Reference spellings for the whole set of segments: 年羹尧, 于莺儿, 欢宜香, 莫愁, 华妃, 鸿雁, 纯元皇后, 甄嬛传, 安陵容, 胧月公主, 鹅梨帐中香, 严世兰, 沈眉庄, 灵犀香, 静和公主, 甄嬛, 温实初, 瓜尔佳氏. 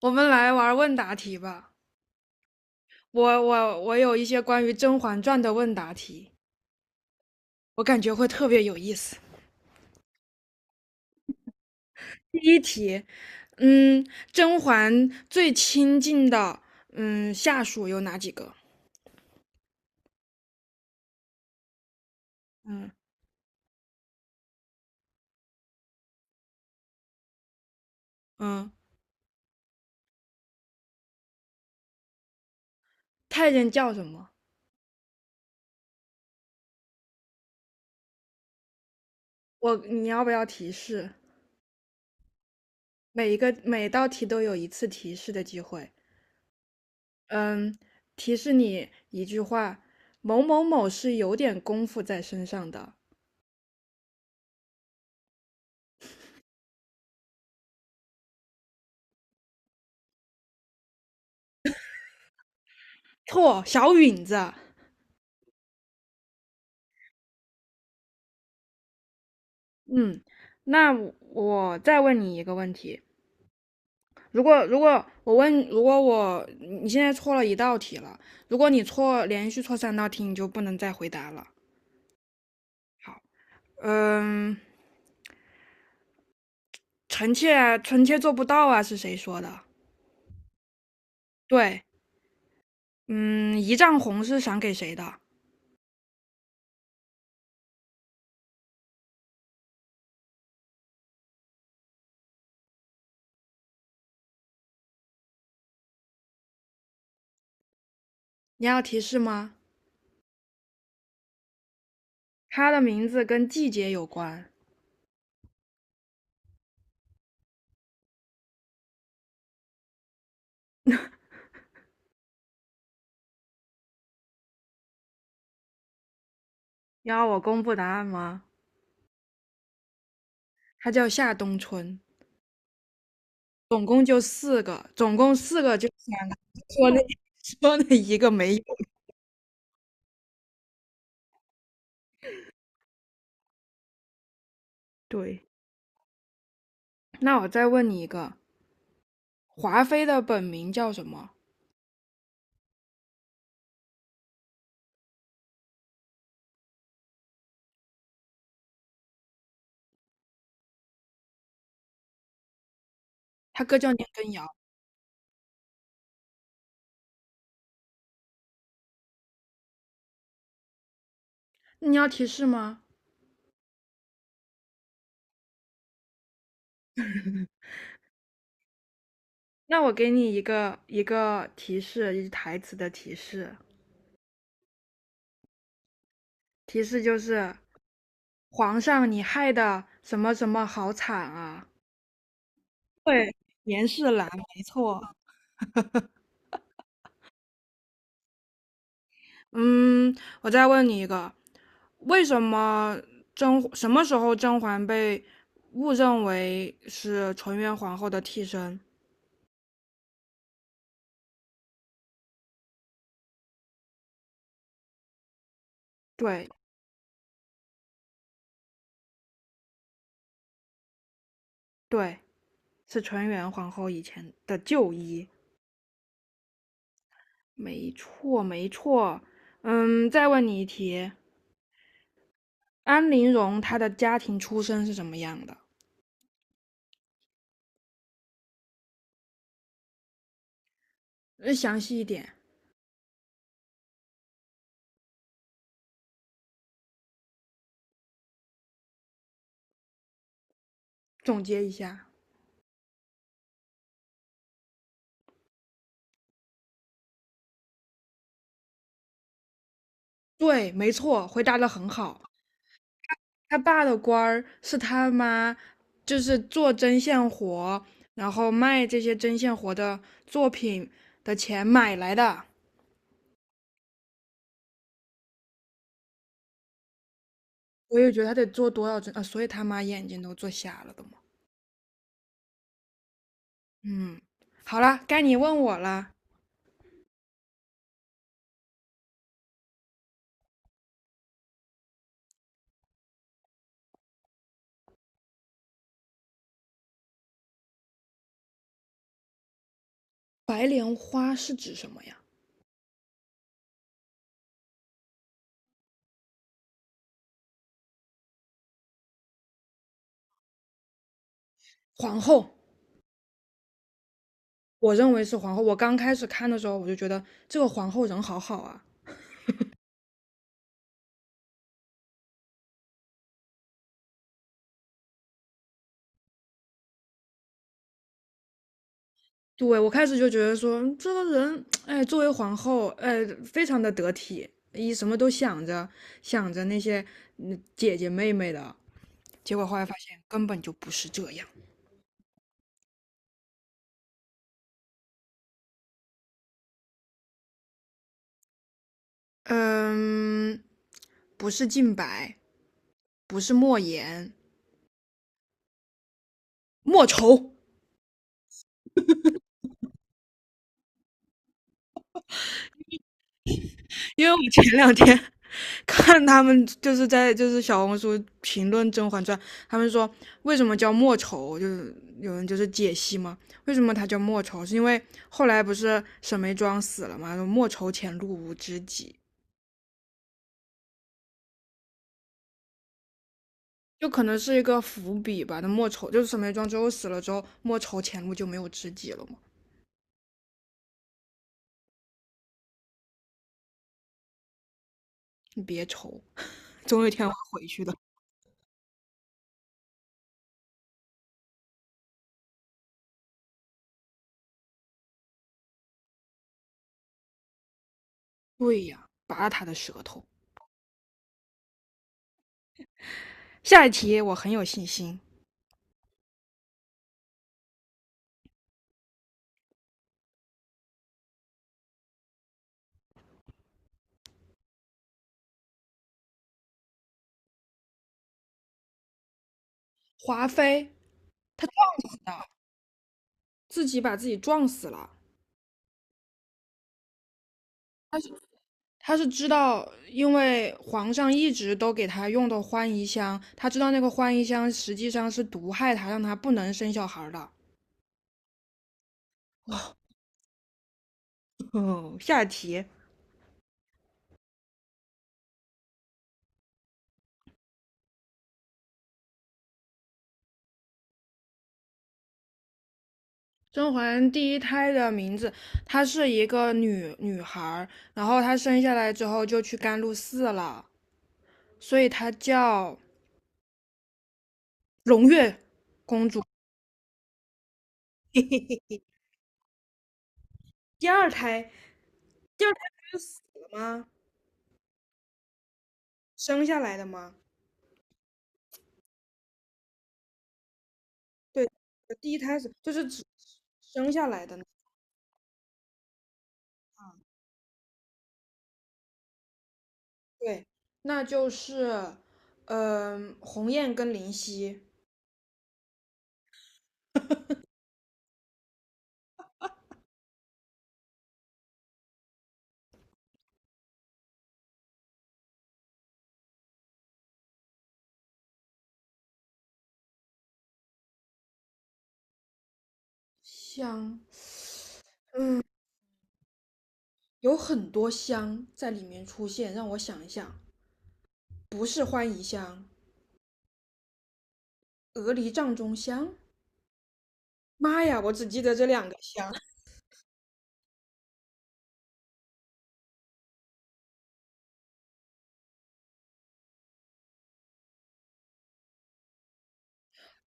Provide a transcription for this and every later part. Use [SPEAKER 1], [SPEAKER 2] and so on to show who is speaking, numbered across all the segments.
[SPEAKER 1] 我们来玩问答题吧。我有一些关于《甄嬛传》的问答题，我感觉会特别有意思。第一题，嗯，甄嬛最亲近的下属有哪几个？嗯。嗯，太监叫什么？你要不要提示？每一个每道题都有一次提示的机会。嗯，提示你一句话：某某某是有点功夫在身上的。错，小允子。嗯，那我再问你一个问题：如果你现在错了一道题了，如果你连续错三道题，你就不能再回答了。嗯，臣妾啊臣妾做不到啊，是谁说的？对，嗯，一丈红是赏给谁的？你要提示吗？他的名字跟季节有关。你要我公布答案吗？他叫夏冬春，总共四个，说那 说那一个没有。对，那我再问你一个，华妃的本名叫什么？她哥叫年羹尧。你要提示吗？那我给你一个提示，一台词的提示。提示就是，皇上你害的什么什么好惨啊！对，严世兰，没错。嗯，我再问你一个，为什么甄什么时候甄嬛被误认为是纯元皇后的替身？对。对，是纯元皇后以前的旧衣。没错，没错。嗯，再问你一题，安陵容她的家庭出身是什么样的？呃详细一点，总结一下。对，没错，回答的很好。他爸的官儿是他妈，就是做针线活，然后卖这些针线活的作品的钱买来的。我也觉得他得做多少针啊，所以他妈眼睛都做瞎了的嘛。嗯，好了，该你问我了。白莲花是指什么呀？皇后。我认为是皇后。我刚开始看的时候，我就觉得这个皇后人好好啊。对。我开始就觉得说这个人，哎，作为皇后，哎，非常的得体，一什么都想着想着那些姐姐妹妹的。结果后来发现根本就不是这样。嗯，不是靖白，不是莫言，莫愁。因为我前两天 看他们在小红书评论《甄嬛传》，他们说为什么叫莫愁，就是有人就是解析嘛，为什么他叫莫愁，是因为后来不是沈眉庄死了嘛，莫愁前路无知己，就可能是一个伏笔吧。那莫愁就是沈眉庄之后死了之后，莫愁前路就没有知己了嘛，你别愁，总有一天会回去的。对呀，拔他的舌头。下一题我很有信心，华妃。自己把自己撞死了。他是他是知道，因为皇上一直都给他用的欢宜香，他知道那个欢宜香实际上是毒害他，让他不能生小孩的。哦，下题，甄嬛第一胎的名字，她是一个女孩，然后她生下来之后就去甘露寺了，所以她叫胧月公主。第二胎，第二胎不是死了吗？生下来的吗？对，呃第一胎是就是只生下来的那。对，那就是，鸿雁跟灵犀。香有很多香在里面出现，让我想一想，不是欢宜香，鹅梨帐中香，妈呀，我只记得这两个香，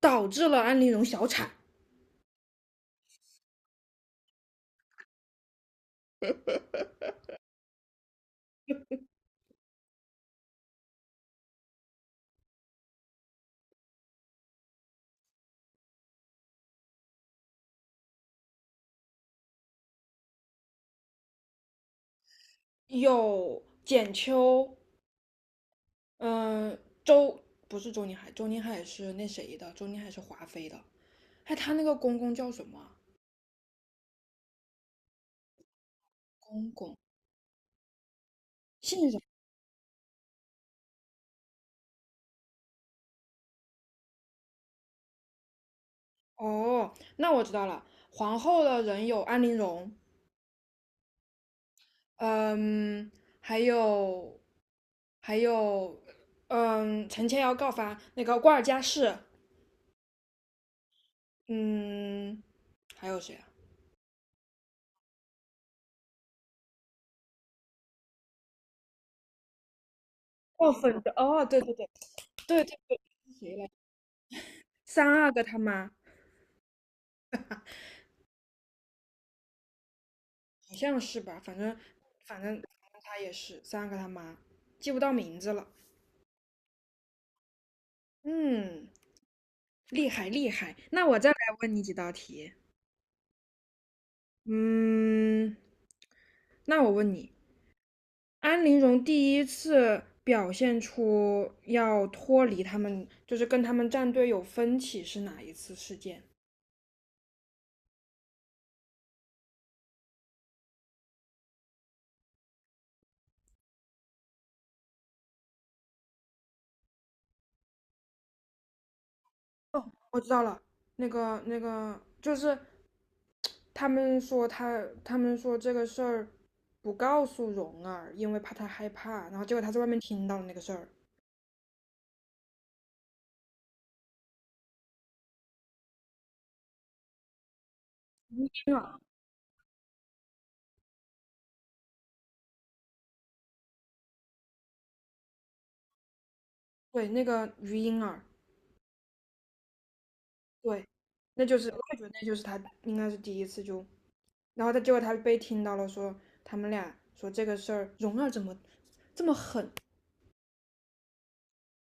[SPEAKER 1] 导致了安陵容小产。有简秋，嗯、周不是周宁海，周宁海是那谁的，周宁海是华妃的，哎，她那个公公叫什么啊。公公姓什么？哦，那我知道了。皇后的人有安陵容，嗯，还有还有，陈千瑶告发那个瓜尔佳氏，嗯，还有谁啊？哦，粉的，哦，对。对对对，谁来？三阿哥他妈，好像是吧？反正反正他也是三阿哥他妈，记不到名字了。嗯，厉害厉害。那我再来问你几道题。嗯，那我问你。安陵容第一次表现出要脱离他们，就是跟他们战队有分歧是哪一次事件？哦，我知道了，那个就是他们说这个事儿不告诉蓉儿，因为怕她害怕，然后结果她在外面听到了那个事儿。婴儿，对，那个于莺儿，对，那就是我也觉得那就是他应该是第一次就，然后结果他被听到了说他们俩说这个事儿，蓉儿怎么这么狠，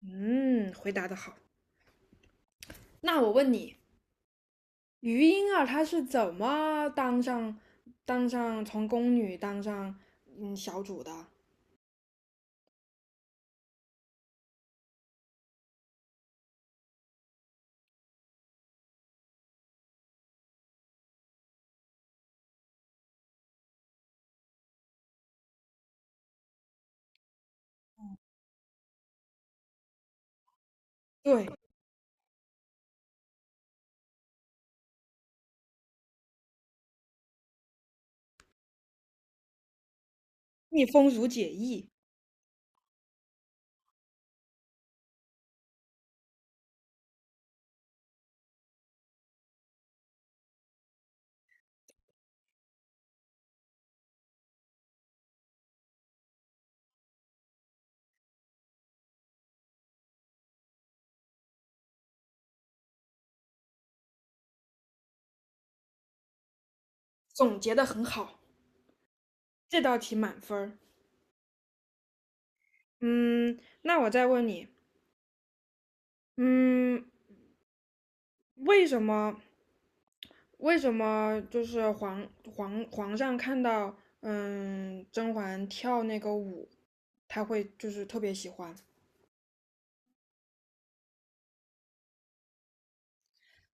[SPEAKER 1] 嗯，回答的好。那我问你，于莺儿她是怎么当上从宫女当上小主的？对，逆风如解意，总结的很好，这道题满分儿。嗯，那我再问你，嗯，为什么为什么就是皇上看到甄嬛跳那个舞，他会就是特别喜欢？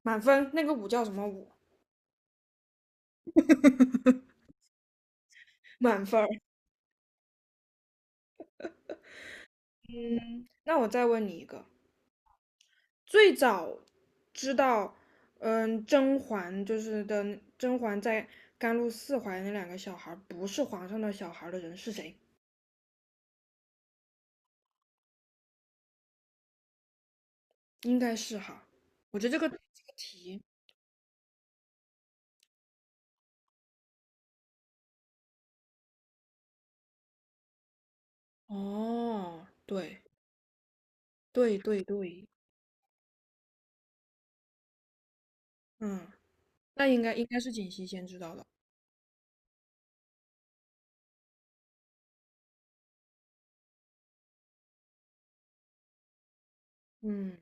[SPEAKER 1] 满分，那个舞叫什么舞？满分。嗯，那我再问你一个，最早知道，甄嬛就是的，甄嬛在甘露寺怀的那两个小孩儿不是皇上的小孩儿的人是谁？应该是哈，我觉得这个题，哦，对。对，嗯，那应该应该是锦汐先知道的，嗯，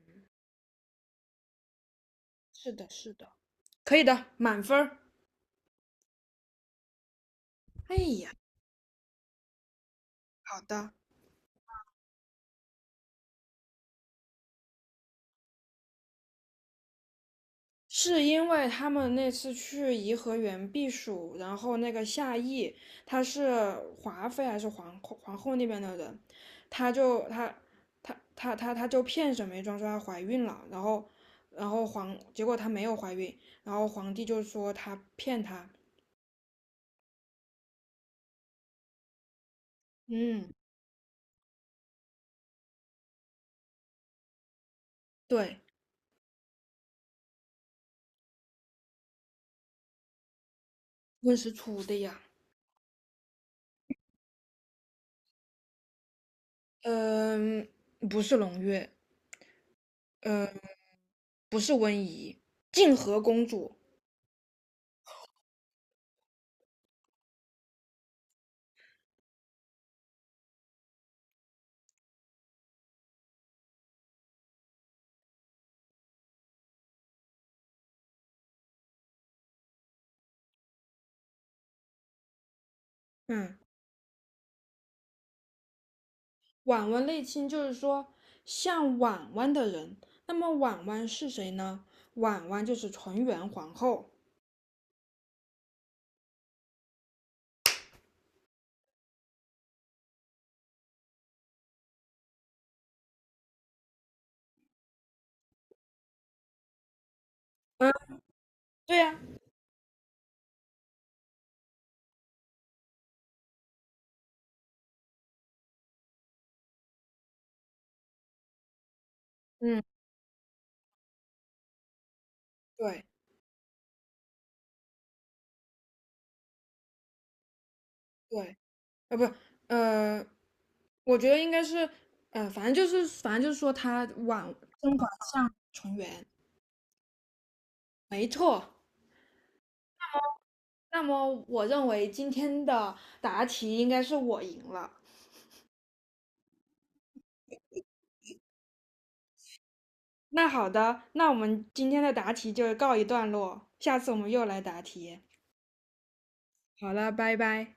[SPEAKER 1] 是的，是的，可以的，满分儿。哎呀，好的。是因为他们那次去颐和园避暑，然后那个夏邑，他是华妃还是皇后。皇后那边的人，他就他他他他他就骗沈眉庄说她怀孕了，然后然后皇结果她没有怀孕，然后皇帝就说他骗她，嗯，对，温实初的呀，嗯，不是胧月，嗯，不是温宜，静和公主，嗯。婉婉类亲就是说像婉婉的人，那么婉婉是谁呢？婉婉就是纯元皇后。嗯，对呀、嗯，对对，呃，不，呃，我觉得应该是，呃，反正就是说甄嬛像纯元，没错。那么我认为今天的答题应该是我赢了。那好的，那我们今天的答题就告一段落，下次我们又来答题。好了，拜拜。